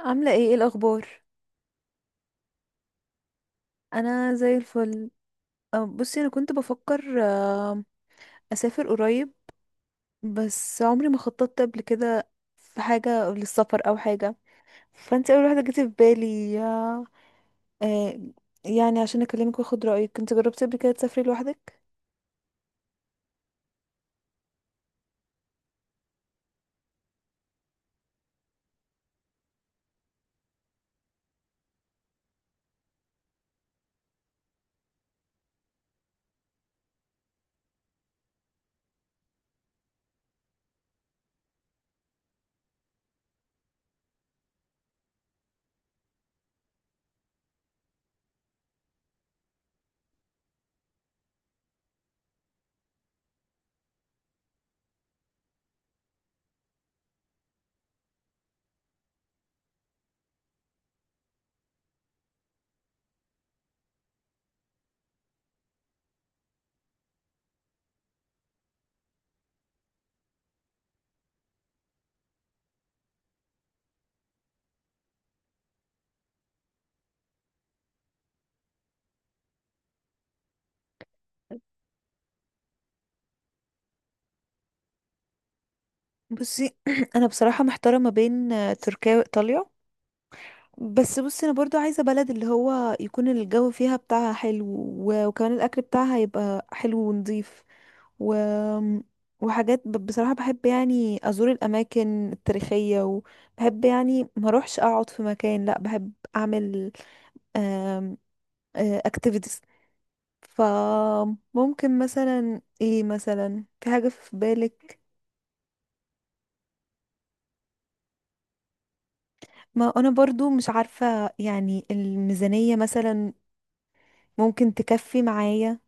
عاملة ايه، ايه الأخبار؟ أنا زي الفل. بصي، أنا كنت بفكر أسافر قريب. بس عمري ما خططت قبل كده في حاجة للسفر أو حاجة. فانت أول واحدة جت في بالي آه، يعني عشان أكلمك وأخد رأيك. انت جربتي قبل كده تسافري لوحدك؟ بصي أنا بصراحة محتارة ما بين تركيا وإيطاليا. بس بصي انا برضو عايزه بلد اللي هو يكون الجو فيها بتاعها حلو وكمان الاكل بتاعها يبقى حلو ونضيف و... وحاجات. بصراحه بحب يعني ازور الاماكن التاريخيه، وبحب يعني ما اروحش اقعد في مكان، لا بحب اعمل اكتيفيتيز. فممكن مثلا ايه، مثلا في حاجه في بالك؟ ما انا برضو مش عارفه، يعني الميزانيه مثلا ممكن تكفي معايا.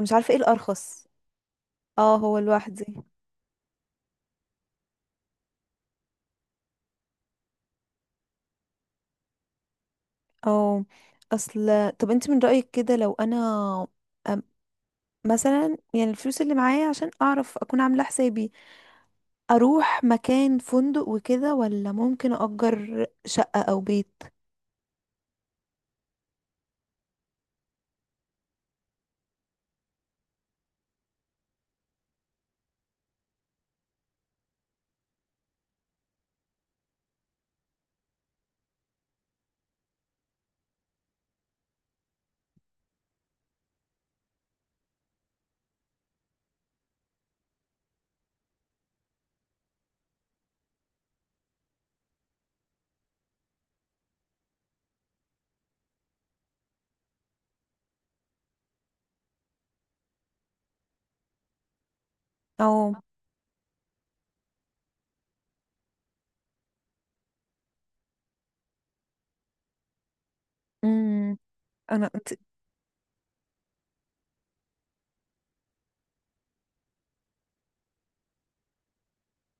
مش عارفه ايه الارخص. اه، هو لوحدي. اه، اصل طب انت من رأيك كده، لو انا أم- مثلا يعني الفلوس اللي معايا عشان اعرف اكون عاملة حسابي، اروح مكان فندق وكده ولا ممكن اجر شقة او بيت؟ او امم انا، انت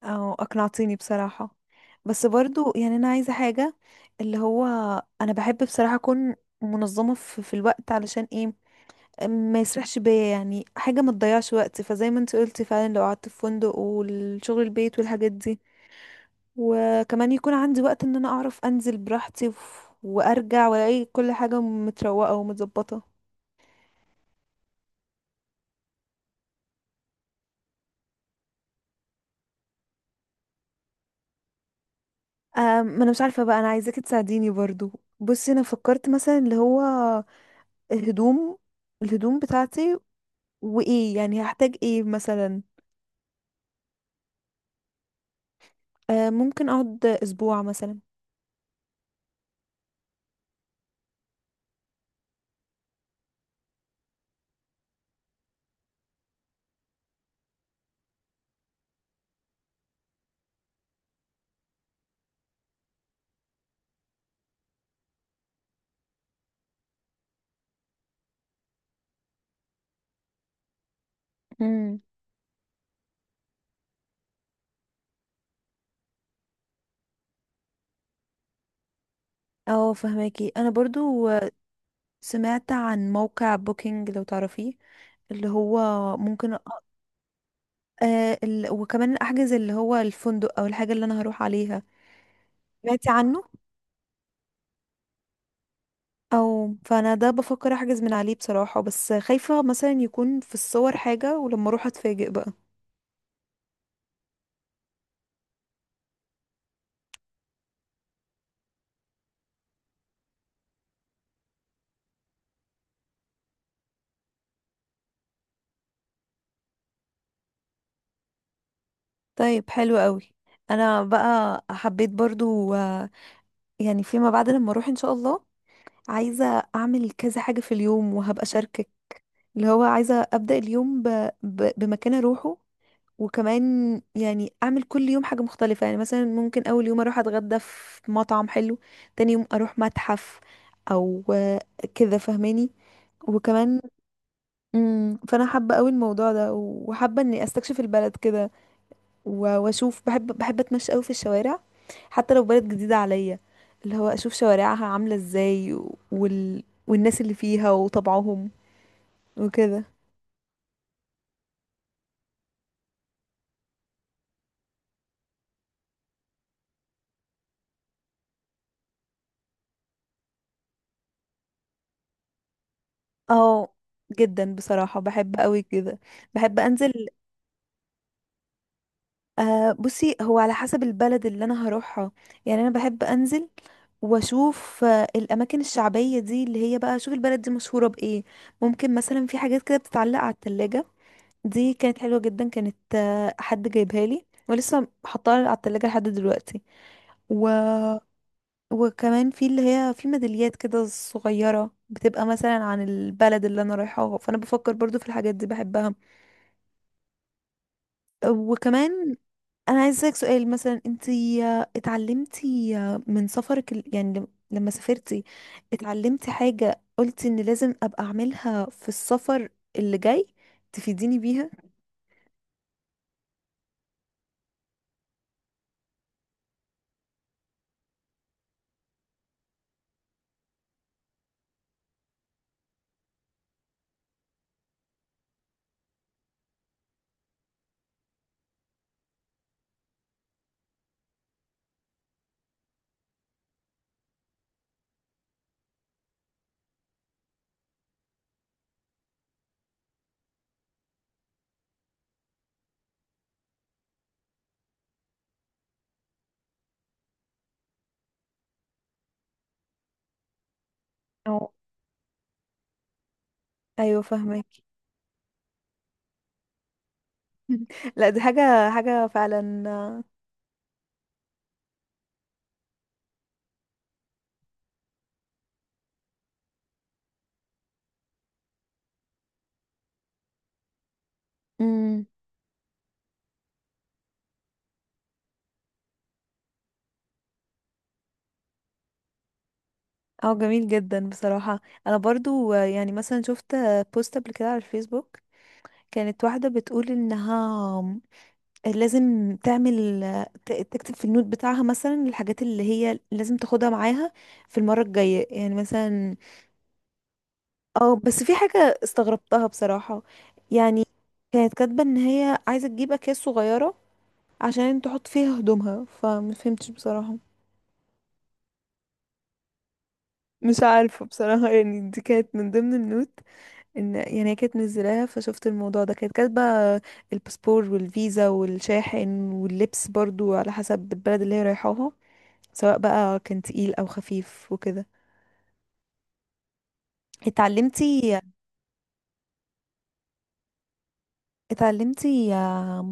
او اقنعتيني بصراحة. بس برضو يعني انا عايزة حاجة، اللي هو انا بحب بصراحة اكون منظمة في الوقت، علشان ايه ما يسرحش بيا، يعني حاجة ما تضيعش وقت. فزي ما انت قلتي فعلا، لو قعدت في فندق والشغل البيت والحاجات دي، وكمان يكون عندي وقت ان انا اعرف انزل براحتي وارجع والاقي كل حاجة متروقة ومتظبطة. ما انا مش عارفة بقى، انا عايزاكي تساعديني برضو. بصي انا فكرت مثلا اللي هو الهدوم الهدوم بتاعتي، وايه يعني هحتاج، ايه مثلا؟ ممكن اقعد اسبوع مثلا. امم. اه، فهماكي. انا برضو سمعت عن موقع بوكينج، لو تعرفيه، اللي هو ممكن وكمان احجز اللي هو الفندق او الحاجة اللي انا هروح عليها. سمعتي عنه؟ او فانا ده بفكر احجز من عليه بصراحة، بس خايفة مثلا يكون في الصور حاجة ولما اروح اتفاجئ بقى. طيب، حلو قوي. انا بقى حبيت برضو يعني فيما بعد لما اروح ان شاء الله، عايزة اعمل كذا حاجة في اليوم وهبقى شاركك. اللي هو عايزة ابدأ اليوم بمكان اروحه. وكمان يعني اعمل كل يوم حاجة مختلفة. يعني مثلا ممكن اول يوم اروح اتغدى في مطعم حلو، تاني يوم اروح متحف او كده، فاهماني؟ وكمان فانا حابة قوي الموضوع ده، وحابة اني استكشف البلد كده. واشوف، بحب، اتمشى قوي في الشوارع، حتى لو بلد جديدة عليا. اللي هو اشوف شوارعها عاملة ازاي والناس اللي فيها وطبعهم وكده. اه، جدا بصراحة بحب قوي كده، بحب انزل. أه، بصي هو على حسب البلد اللي انا هروحها. يعني انا بحب انزل واشوف الاماكن الشعبيه دي، اللي هي بقى اشوف البلد دي مشهوره بايه. ممكن مثلا في حاجات كده بتتعلق على التلاجة، دي كانت حلوه جدا، كانت حد جايبها لي ولسه حطاها على التلاجة لحد دلوقتي. و... وكمان في اللي هي في ميداليات كده صغيره، بتبقى مثلا عن البلد اللي انا رايحاها، فانا بفكر برضو في الحاجات دي، بحبها. وكمان انا عايز اسالك سؤال، مثلا انتي اتعلمتي من سفرك، يعني لما سافرتي، اتعلمتي حاجة قلتي ان لازم ابقى اعملها في السفر اللي جاي، تفيديني بيها؟ أو ايوه، فاهمك. لا، دي حاجة حاجة فعلا امم اه، جميل جدا بصراحة. انا برضو يعني مثلا شفت بوست قبل كده على الفيسبوك، كانت واحدة بتقول انها لازم تعمل، تكتب في النوت بتاعها مثلا الحاجات اللي هي لازم تاخدها معاها في المرة الجاية يعني مثلا. اه، بس في حاجة استغربتها بصراحة. يعني كانت كاتبة ان هي عايزة تجيب اكياس صغيرة عشان تحط فيها هدومها، فمفهمتش بصراحة. مش عارفة بصراحة، يعني دي كانت من ضمن النوت، ان يعني هي كانت منزلاها فشفت الموضوع ده. كانت كاتبة الباسبور والفيزا والشاحن واللبس برضو على حسب البلد اللي هي رايحاها، سواء بقى كان تقيل او خفيف وكده. اتعلمتي، اتعلمتي آم،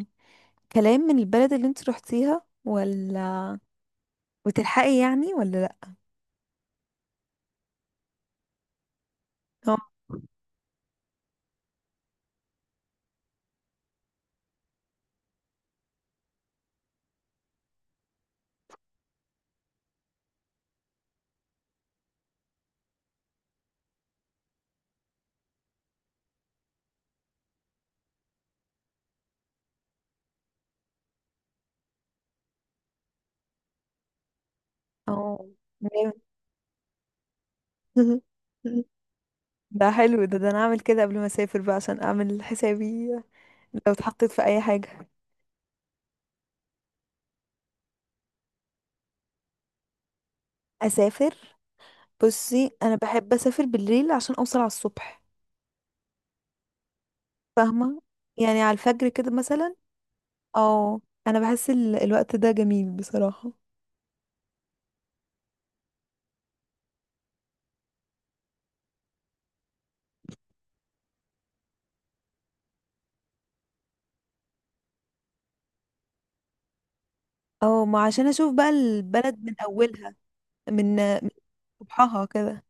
كلام من البلد اللي انت روحتيها، ولا وتلحقي يعني ولا لا؟ اه، اه، جامد. ده حلو، ده انا اعمل كده قبل ما اسافر بقى، عشان اعمل حسابي لو اتحطيت في اي حاجة. اسافر بصي انا بحب اسافر بالليل عشان اوصل على الصبح. فاهمة؟ يعني على الفجر كده مثلا. او، انا بحس الوقت ده جميل بصراحة. اه، ما عشان اشوف بقى البلد من اولها، من صبحها كده.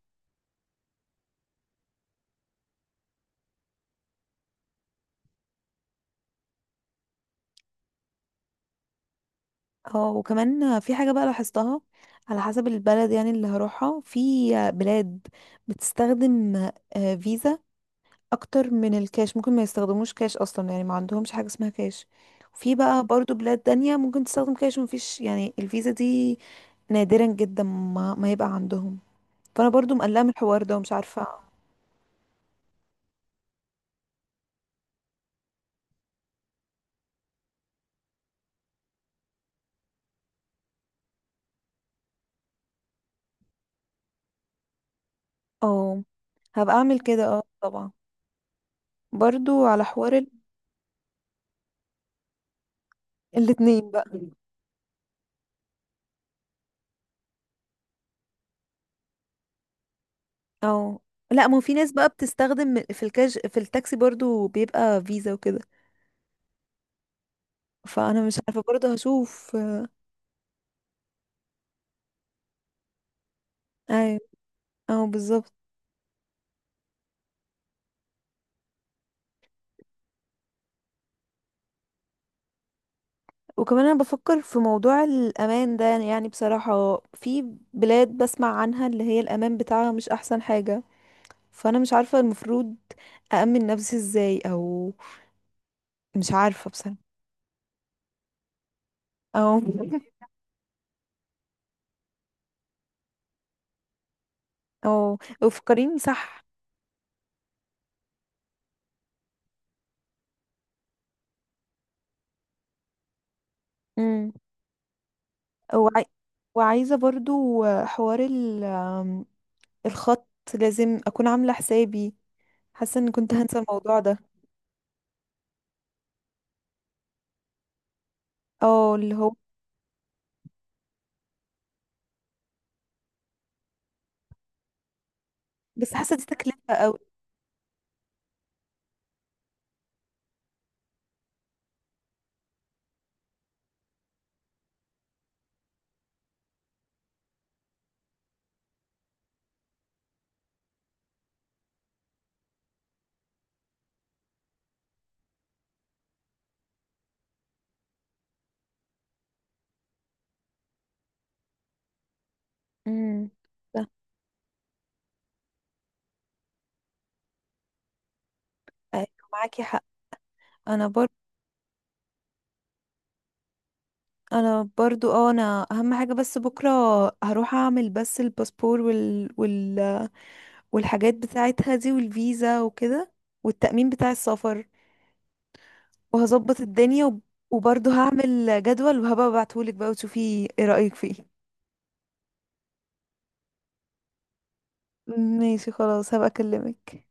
اه، وكمان في حاجة بقى لاحظتها، على حسب البلد يعني اللي هروحها. في بلاد بتستخدم فيزا اكتر من الكاش، ممكن ما يستخدموش كاش اصلا، يعني ما عندهمش حاجة اسمها كاش. وفي بقى برضو بلاد تانية ممكن تستخدم كاش ومفيش يعني الفيزا دي، نادرا جدا ما يبقى عندهم. فانا برضو مقلقة من الحوار ده ومش عارفة. اه، هبقى اعمل كده، اه، طبعا. برضو على حوار الاتنين بقى. اه، لا، ما هو في ناس بقى بتستخدم في الكاش، في التاكسي برضو بيبقى فيزا وكده. فانا مش عارفه برضو، هشوف. ايوه، اه، بالظبط. وكمان انا بفكر في موضوع الامان ده، يعني بصراحه في بلاد بسمع عنها اللي هي الامان بتاعها مش احسن حاجه. فانا مش عارفه المفروض اامن نفسي ازاي، او مش عارفه بصراحه. او. أو فكريني، صح؟ امم. وعاي... وعايزه برضو حوار الخط، لازم اكون عامله حسابي. حاسه ان كنت هنسى الموضوع ده. اه، اللي هو بس حاسه دي تكلفه قوي. امم، صح. ايوه، معاكي حق. انا برضو، اه، انا اهم حاجه، بس بكره هروح اعمل بس الباسبور والحاجات بتاعتها دي والفيزا وكده، والتأمين بتاع السفر. وهظبط الدنيا وبرضو هعمل جدول وهبقى ابعتهولك بقى وتشوفي ايه رأيك فيه. ماشي، خلاص، هبقى اكلمك.